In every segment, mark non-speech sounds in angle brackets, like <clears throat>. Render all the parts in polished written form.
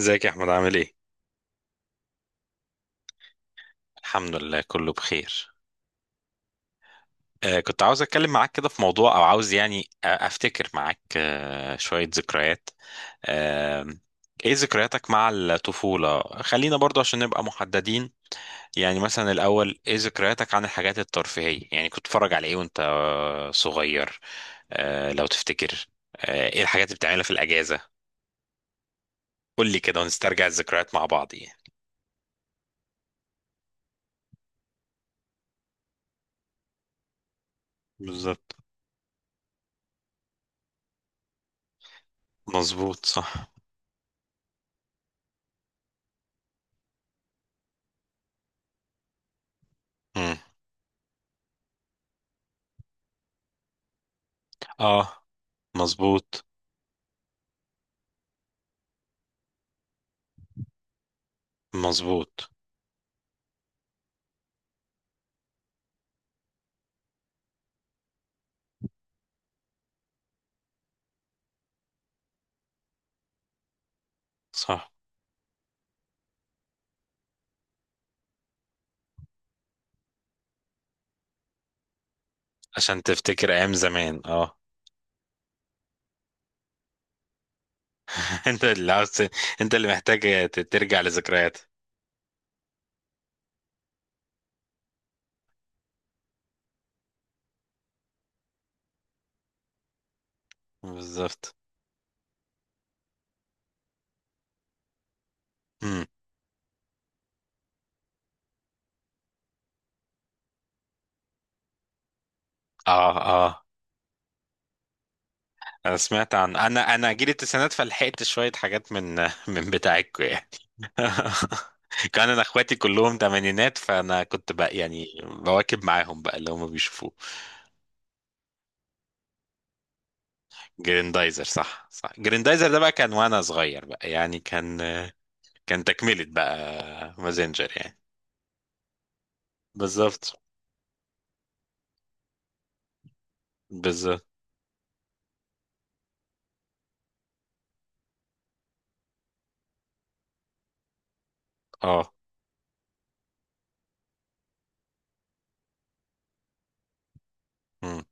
ازيك يا احمد عامل ايه؟ الحمد لله كله بخير. كنت عاوز اتكلم معاك كده في موضوع او عاوز يعني افتكر معاك شوية ذكريات. آه ايه ذكرياتك مع الطفولة؟ خلينا برضو عشان نبقى محددين. يعني مثلا الاول ايه ذكرياتك عن الحاجات الترفيهية؟ يعني كنت بتتفرج على ايه وانت صغير؟ لو تفتكر. ايه الحاجات اللي بتعملها في الاجازة؟ قول لي كده ونسترجع الذكريات مع بعض يعني. بالظبط. مظبوط، صح. مم. اه، مظبوط. مظبوط، صح. عشان تفتكر ايام زمان، اه. <laughs> انت اللي عاوز ت- انت اللي محتاج ترجع لذكريات. بالظبط. امم. اه، اه، انا سمعت عن انا انا جيل التسعينات فلحقت شويه حاجات من <laughs> من بتاعتكم يعني. <laughs> كان انا اخواتي كلهم تمانينات فانا كنت بقى يعني بواكب معاهم بقى اللي هم بيشوفوه. جريندايزر، صح، صح. جريندايزر ده بقى كان وانا صغير بقى يعني كان. كان تكملة بقى، مازنجر يعني. بالظبط، بالظبط. اه. مم.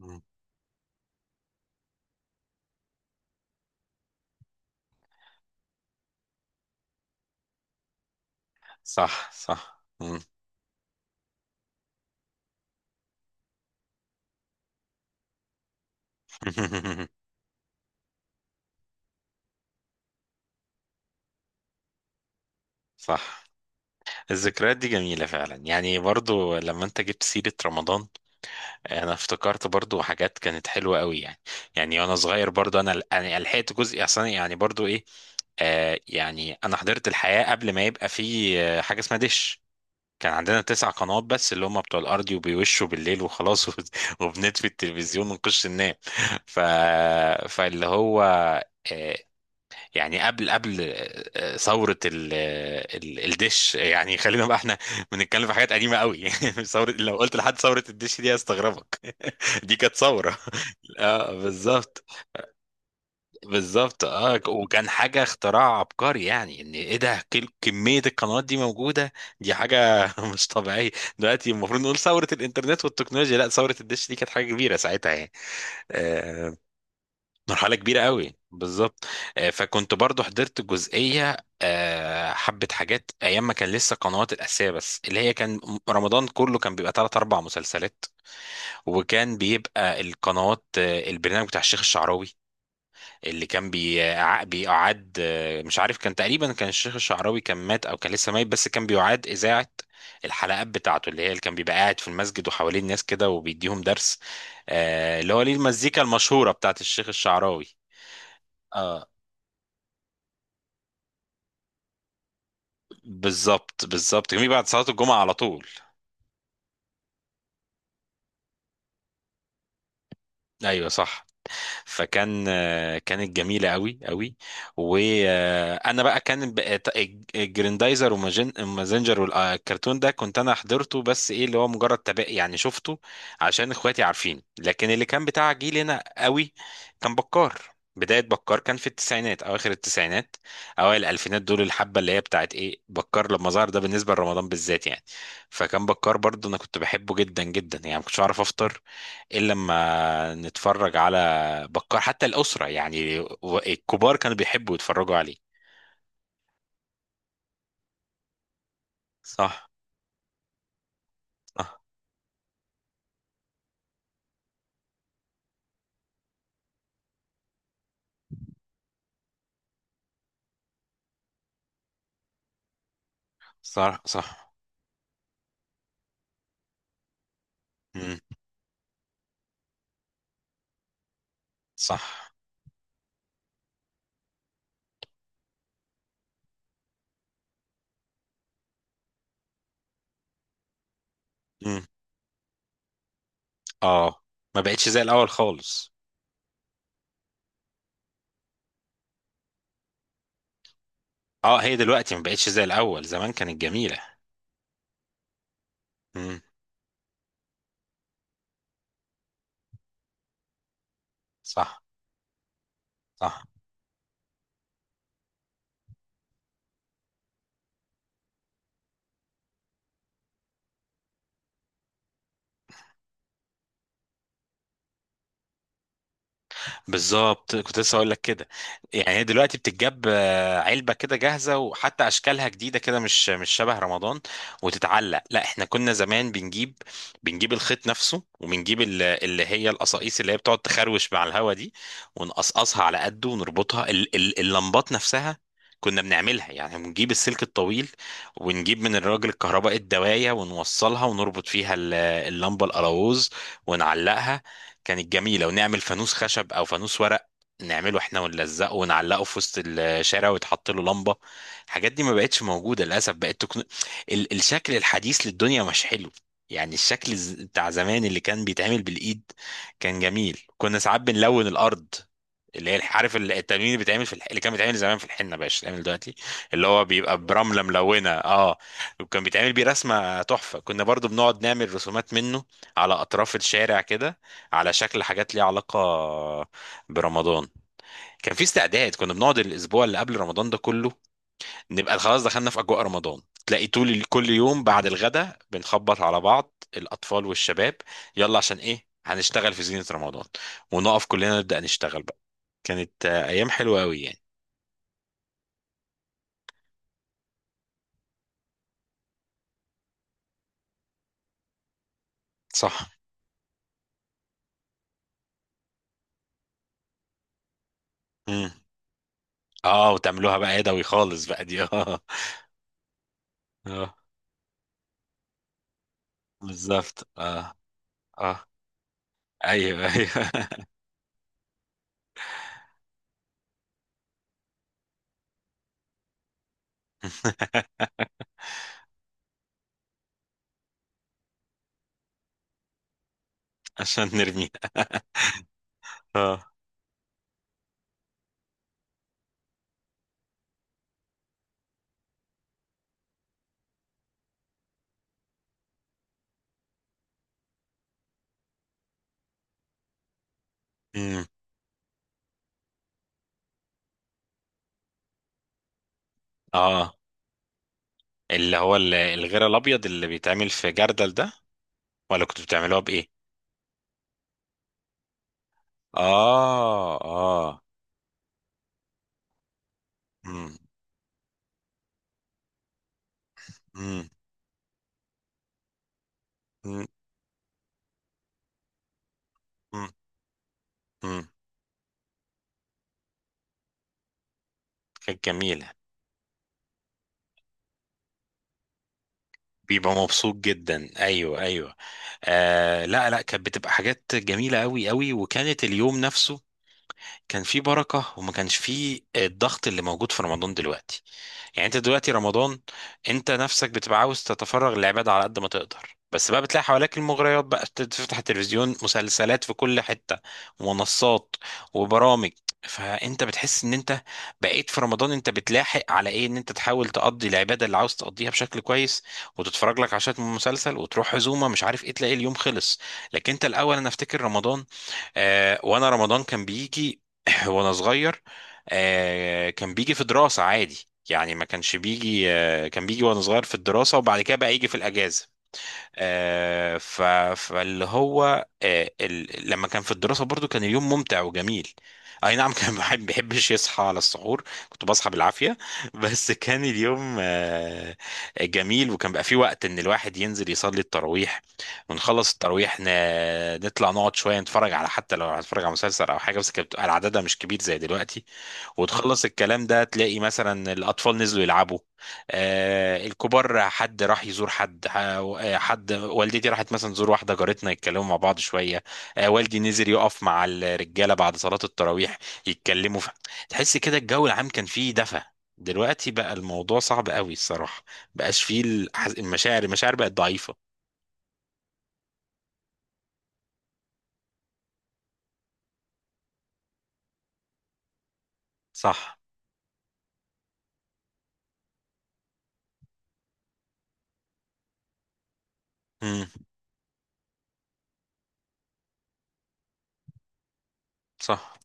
مم. صح، صح. مم. <laughs> صح. الذكريات دي جميلة فعلا، يعني برضو لما انت جبت سيرة رمضان انا افتكرت برضو حاجات كانت حلوة قوي يعني. يعني وانا صغير برضو انا لحقت جزء اصلا يعني برضو ايه. يعني انا حضرت الحياة قبل ما يبقى في حاجة اسمها دش. كان عندنا تسع قنوات بس اللي هم بتوع الارضي وبيوشوا بالليل وخلاص. <laughs> وبنطفي التلفزيون ونخش ننام. ف... فاللي هو آه، يعني قبل ثورة الدش. يعني خلينا بقى احنا بنتكلم في حاجات قديمة قوي. <laughs> ثورة، لو قلت لحد ثورة الدش دي هيستغربك. <laughs> دي كانت ثورة. <laughs> اه، بالظبط. بالظبط، اه، وكان حاجة اختراع عبقري يعني ان ايه ده كمية القنوات دي موجودة. دي حاجة <laughs> مش طبيعية. دلوقتي المفروض نقول ثورة الانترنت والتكنولوجيا، لا، ثورة الدش دي كانت حاجة كبيرة ساعتها يعني. آه، مرحلة كبيرة قوي بالظبط. فكنت برضو حضرت جزئية، حبة حاجات أيام ما كان لسه قنوات الأساسية بس اللي هي كان رمضان كله كان بيبقى تلات أربع مسلسلات. وكان بيبقى القنوات، البرنامج بتاع الشيخ الشعراوي اللي كان بيقعد، مش عارف، كان تقريبا كان الشيخ الشعراوي كان مات أو كان لسه ميت، بس كان بيعاد إذاعة الحلقات بتاعته اللي هي اللي كان بيبقى قاعد في المسجد وحواليه الناس كده وبيديهم درس. اللي هو ليه المزيكا المشهورة بتاعت الشيخ الشعراوي. اه، بالظبط، بالظبط، جميل، بعد صلاة الجمعة على طول. ايوه، صح. فكان كانت جميله قوي قوي. وانا بقى الجريندايزر ومازنجر والكرتون ده كنت انا حضرته بس ايه اللي هو مجرد تابع يعني شفته عشان اخواتي عارفين. لكن اللي كان بتاع جيلنا قوي كان بكار. بدايه بكار كان في التسعينات، اواخر التسعينات اوائل الالفينات، دول الحبه اللي هي بتاعت ايه بكار لما ظهر ده بالنسبه لرمضان بالذات يعني. فكان بكار برضو انا كنت بحبه جدا جدا، يعني ما كنتش اعرف افطر الا لما نتفرج على بكار. حتى الأسرة يعني الكبار كانوا بيحبوا يتفرجوا عليه. صح، صح. صح، صح. مم. صح. مم. اه، ما بقتش زي الأول خالص. اه، هي دلوقتي ما بقتش زي الأول، زمان كانت جميلة. مم. صح، صح. بالظبط، كنت لسه هقول لك كده. يعني هي دلوقتي بتتجاب علبه كده جاهزه، وحتى اشكالها جديده كده، مش شبه رمضان وتتعلق. لا، احنا كنا زمان بنجيب الخيط نفسه وبنجيب اللي هي القصاقيس اللي هي بتقعد تخروش مع الهوا دي، ونقصقصها على قده، ونربطها اللمبات نفسها. كنا بنعملها يعني، بنجيب السلك الطويل، ونجيب من الراجل الكهرباء الدواية، ونوصلها ونربط فيها اللمبة القلاووز ونعلقها. كانت جميلة. ونعمل فانوس خشب أو فانوس ورق نعمله احنا ونلزقه ونعلقه في وسط الشارع، ويتحط له لمبة. الحاجات دي ما بقتش موجودة للأسف، بقت الشكل الحديث للدنيا مش حلو. يعني الشكل بتاع زمان اللي كان بيتعمل بالإيد كان جميل. كنا ساعات بنلون الأرض، اللي هي عارف التلوين اللي بيتعمل في اللي كان بيتعمل زمان في الحنه بقاش بيتعمل دلوقتي. اللي هو بيبقى برمله ملونه، اه. وكان بيتعمل بيه رسمه تحفه، كنا برضو بنقعد نعمل رسومات منه على اطراف الشارع كده، على شكل حاجات ليها علاقة برمضان. كان في استعداد، كنا بنقعد الأسبوع اللي قبل رمضان ده كله نبقى خلاص دخلنا في أجواء رمضان. تلاقي طول كل يوم بعد الغداء بنخبط على بعض، الأطفال والشباب، يلا عشان إيه هنشتغل في زينة رمضان، ونقف كلنا نبدأ نشتغل بقى. كانت أيام حلوة أوي يعني. صح. مم. اه، وتعملوها بقى يدوي خالص بقى دي، <laughs> اه. اه، بالظبط. اه، اه، ايوه، ايوه. <laughs> عشان نرميها. اه. مم. اه. اللي هو الغير الابيض اللي بيتعمل في جردل ده، ولا كنتوا بتعملوها بايه؟ اه، اه. امم. امم. امم. امم. كانت جميله، بيبقى مبسوط جدا، ايوه، ايوه. لا، لا، كانت بتبقى حاجات جميله قوي قوي. وكانت اليوم نفسه كان فيه بركه، وما كانش فيه الضغط اللي موجود في رمضان دلوقتي. يعني انت دلوقتي رمضان، انت نفسك بتبقى عاوز تتفرغ للعبادة على قد ما تقدر، بس بقى بتلاقي حواليك المغريات، بقى تفتح التلفزيون مسلسلات في كل حتة، ومنصات، وبرامج. فانت بتحس ان انت بقيت في رمضان انت بتلاحق على ايه، ان انت تحاول تقضي العبادة اللي عاوز تقضيها بشكل كويس، وتتفرج لك عشان من مسلسل، وتروح عزومة، مش عارف ايه، تلاقي اليوم خلص. لكن انت الاول انا افتكر رمضان، وانا رمضان كان بيجي <clears throat> وانا صغير، كان بيجي في دراسة عادي يعني، ما كانش بيجي، كان بيجي وانا صغير في الدراسة وبعد كده بقى يجي في الأجازة. آه، ف- فاللي هو لما كان في الدراسة برضو كان اليوم ممتع وجميل. اي نعم. <laughs> كان بحبش يصحى على السحور، كنت بصحى بالعافية، بس كان اليوم جميل. وكان بقى فيه وقت ان الواحد ينزل يصلي التراويح، ونخلص التراويح نطلع نقعد شوية نتفرج على حتى لو هنتفرج على مسلسل او حاجة، بس كانت بتبقى العددها مش كبير زي دلوقتي. وتخلص الكلام ده تلاقي مثلا الأطفال نزلوا يلعبوا. آه، الكبار حد راح يزور حد، حد والدتي راحت مثلا تزور واحدة جارتنا يتكلموا مع بعض شوية. آه، والدي نزل يقف مع الرجالة بعد صلاة التراويح يتكلموا. تحس كده الجو العام كان فيه دفى. دلوقتي بقى الموضوع صعب قوي الصراحة. بقاش فيه المشاعر بقت ضعيفة. صح. امم. صح.